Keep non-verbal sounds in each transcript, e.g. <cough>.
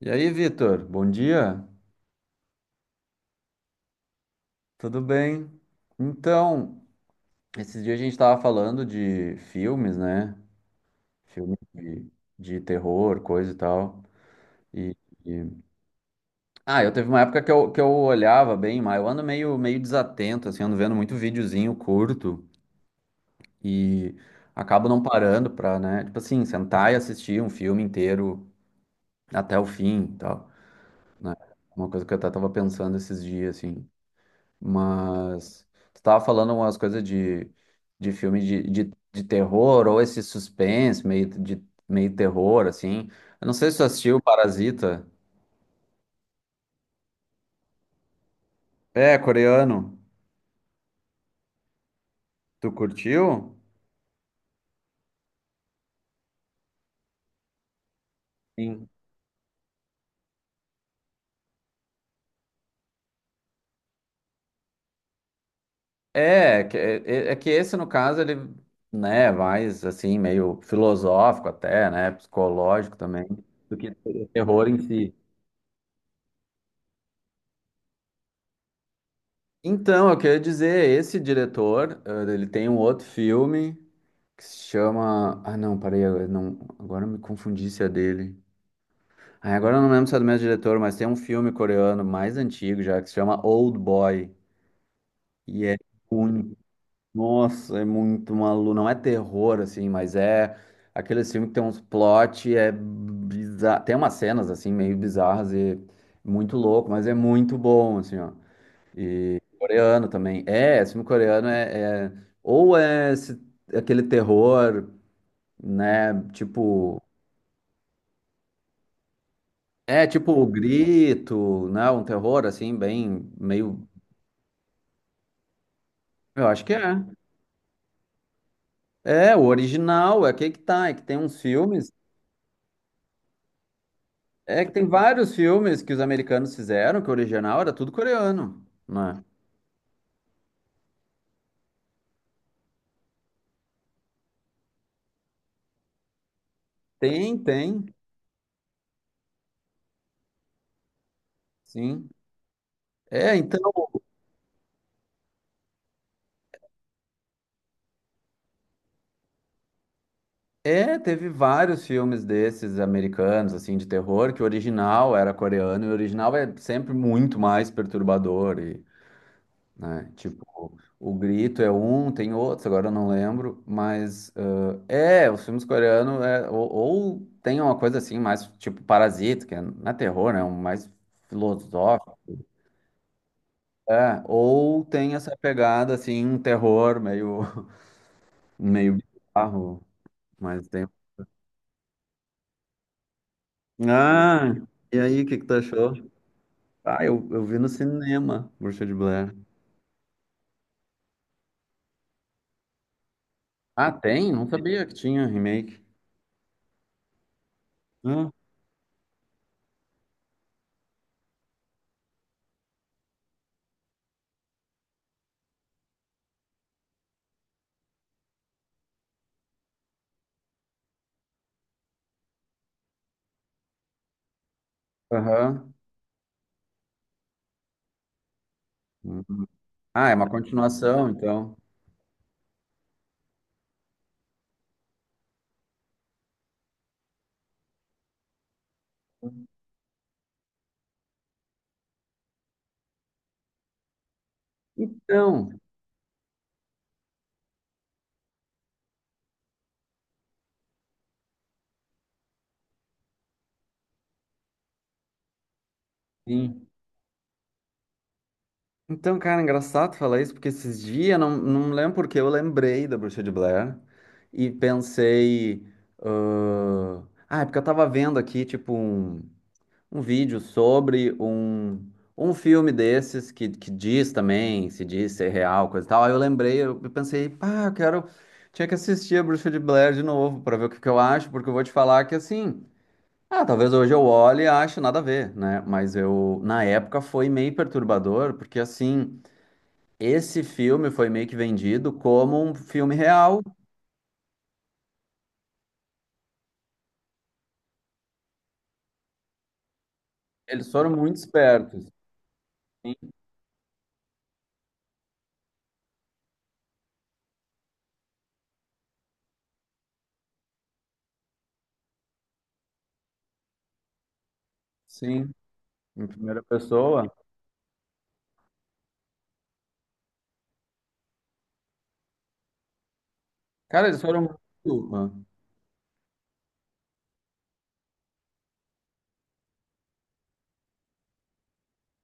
E aí, Vitor, bom dia? Tudo bem? Então, esses dias a gente estava falando de filmes, né? Filme de terror, coisa e tal. E, e- Ah, eu teve uma época que eu olhava bem, mas eu ando meio desatento, assim, ando vendo muito videozinho curto e acabo não parando pra, né? Tipo assim, sentar e assistir um filme inteiro até o fim e tal, né? Uma coisa que eu até tava pensando esses dias, assim. Mas tu tava falando umas coisas de filme de terror, ou esse suspense, meio de meio terror, assim. Eu não sei se tu assistiu Parasita. É, coreano. Tu curtiu? Sim. É, é, que- é é que esse, no caso, ele, né, é mais assim, meio filosófico até, né? Psicológico também, do que terror em si. Então, eu queria dizer, esse diretor, ele tem um outro filme que se chama. Ah, não, parei, agora não, agora eu me confundi se é dele. Ah, agora eu não lembro se é do mesmo diretor, mas tem um filme coreano mais antigo já que se chama Old Boy. E é muito. Nossa, é muito maluco. Não é terror, assim, mas é aquele filme que tem uns plot, é bizarro. Tem umas cenas, assim, meio bizarras e muito louco, mas é muito bom, assim, ó. Coreano também. É, esse filme coreano Ou é esse aquele terror, né? Tipo, é tipo o Grito, né? Um terror assim, bem meio. Eu acho que é. É, o original, é que tem uns filmes. É que tem vários filmes que os americanos fizeram, que o original era tudo coreano, né? Tem, sim. É, então, é, teve vários filmes desses americanos, assim, de terror, que o original era coreano, e o original é sempre muito mais perturbador, né? Tipo, o Grito é um, tem outros, agora eu não lembro, mas é, os filmes coreanos é, ou tem uma coisa assim, mais tipo Parasita, que é, não é terror, né? É um mais filosófico, é, ou tem essa pegada assim, um terror meio, <laughs> meio bizarro, mas tem. Ah, e aí, o que que tu achou? Ah, eu vi no cinema, Bruxa de Blair. Ah, tem? Não sabia que tinha remake. Hum. Aham. Hum, hum. Ah, é uma continuação, então. Então, sim. Então, cara, é engraçado falar isso, porque esses dias, não, não lembro porque eu lembrei da Bruxa de Blair e pensei, ah, ah, é porque eu tava vendo aqui, tipo, um vídeo sobre um, um filme desses que diz também, se diz ser real, coisa e tal. Aí eu lembrei, eu pensei, pá, eu quero. Tinha que assistir a Bruxa de Blair de novo pra ver o que que eu acho, porque eu vou te falar que assim. Ah, talvez hoje eu olhe e ache nada a ver, né? Mas eu, na época, foi meio perturbador, porque assim, esse filme foi meio que vendido como um filme real. Eles foram muito espertos. Sim, sim, em primeira pessoa. Cara, eles foram muito.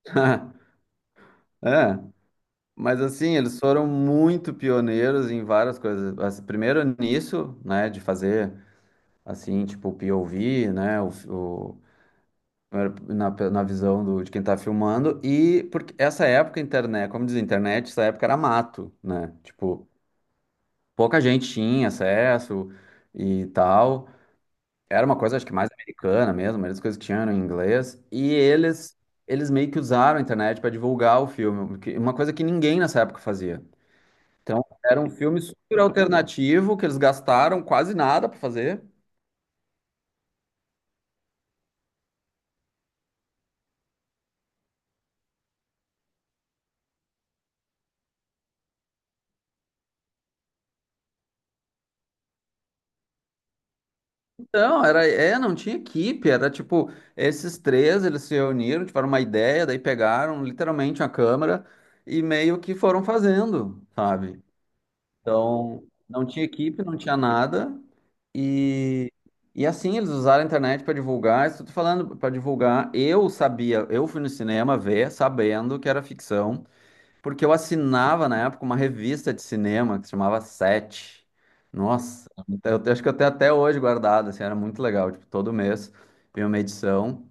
<laughs> É, mas assim, eles foram muito pioneiros em várias coisas. Assim, primeiro nisso, né, de fazer assim, tipo, o POV, né, o, era na, na visão de quem tá filmando, e porque essa época, internet, como diz a internet, essa época era mato, né? Tipo, pouca gente tinha acesso e tal. Era uma coisa, acho que mais americana mesmo, a maioria das coisas que tinham eram em inglês. E eles, meio que usaram a internet para divulgar o filme, o que- uma coisa que ninguém nessa época fazia. Então, era um filme super alternativo, que eles gastaram quase nada para fazer. Não, era, é, não tinha equipe, era tipo, esses três, eles se reuniram, tiveram uma ideia, daí pegaram literalmente a câmera e meio que foram fazendo, sabe? Então, não tinha equipe, não tinha nada, e, e assim, eles usaram a internet para divulgar, isso eu tô falando para divulgar, eu sabia, eu fui no cinema ver, sabendo que era ficção, porque eu assinava na época uma revista de cinema que se chamava Sete. Nossa, eu acho que eu tenho até hoje guardado, assim, era muito legal. Tipo, todo mês vinha uma edição.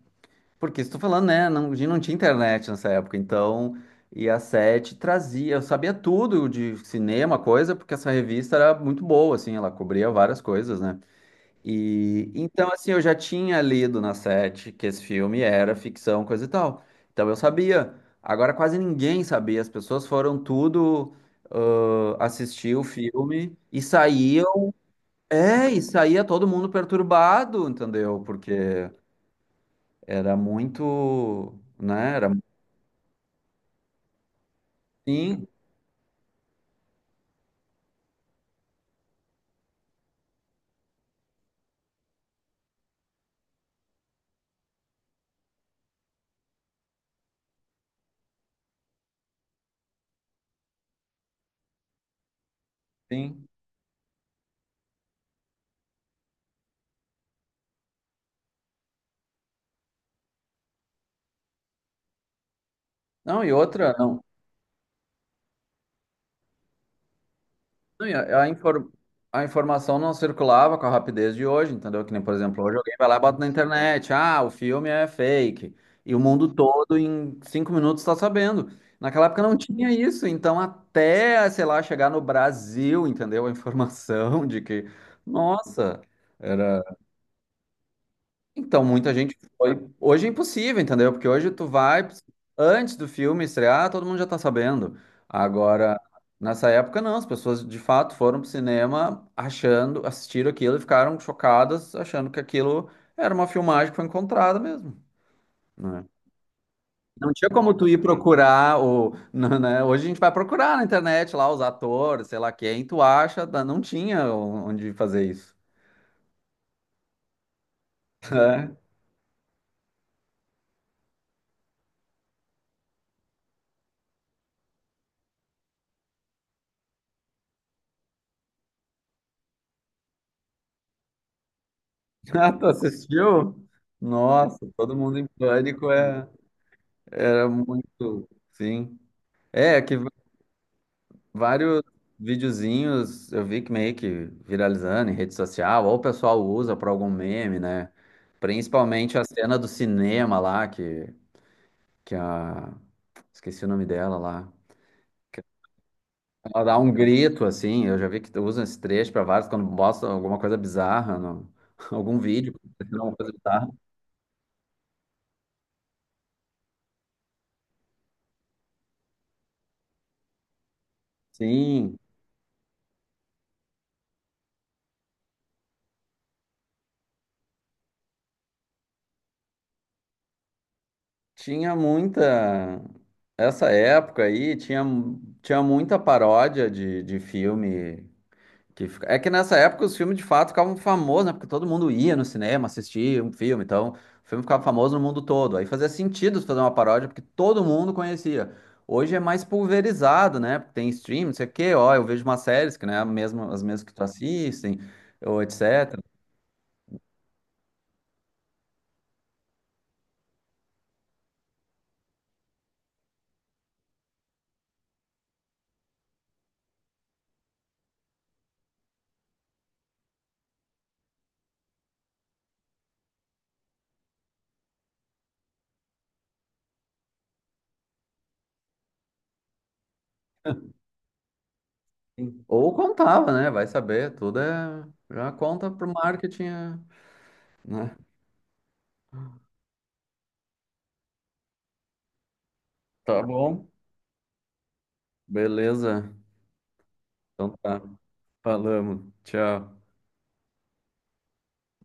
Porque estou falando, né? Não, a gente não tinha internet nessa época, então. E a Sete trazia, eu sabia tudo de cinema, coisa, porque essa revista era muito boa, assim, ela cobria várias coisas, né? E então, assim, eu já tinha lido na Sete que esse filme era ficção, coisa e tal. Então eu sabia. Agora quase ninguém sabia. As pessoas foram tudo assistir o filme e saíam. É, e saía todo mundo perturbado, entendeu? Porque era muito, né? Era sim, sim. Não, e outra, não. Não, e A, a infor- a informação não circulava com a rapidez de hoje, entendeu? Que nem, por exemplo, hoje alguém vai lá e bota na internet, ah, o filme é fake. E o mundo todo em 5 minutos está sabendo. Naquela época não tinha isso, então até, sei lá, chegar no Brasil, entendeu? A informação de que, nossa, era. Então, muita gente foi. Hoje é impossível, entendeu? Porque hoje tu vai, antes do filme estrear, todo mundo já tá sabendo. Agora, nessa época, não. As pessoas de fato foram pro cinema achando, assistiram aquilo e ficaram chocadas, achando que aquilo era uma filmagem que foi encontrada mesmo, né? Não tinha como tu ir procurar o, <laughs> né? Hoje a gente vai procurar na internet lá os atores, sei lá quem, tu acha, não tinha onde fazer isso. <laughs> <laughs> Ah, tu assistiu? Nossa, todo mundo em pânico é, era muito, sim. É, é que v- vários videozinhos eu vi que meio que viralizando em rede social, ou o pessoal usa para algum meme, né? Principalmente a cena do cinema lá, que a. Esqueci o nome dela lá. Que ela dá um grito, assim. Eu já vi que usam esse trecho para vários quando mostram alguma coisa bizarra, no, <laughs> algum vídeo, acontecendo alguma coisa bizarra. Sim. Tinha muita. Essa época aí tinha, tinha muita paródia de filme. É que nessa época os filmes de fato ficavam famosos, né? Porque todo mundo ia no cinema assistir um filme, então o filme ficava famoso no mundo todo. Aí fazia sentido fazer uma paródia porque todo mundo conhecia. Hoje é mais pulverizado, né? Porque tem stream, não sei o quê, ó, eu vejo umas séries que não é a mesma, as mesmas que tu assistem, ou etc. Ou contava, né? Vai saber, tudo é. Já conta pro marketing, é, né? Tá bom, beleza. Então tá, falamos. Tchau.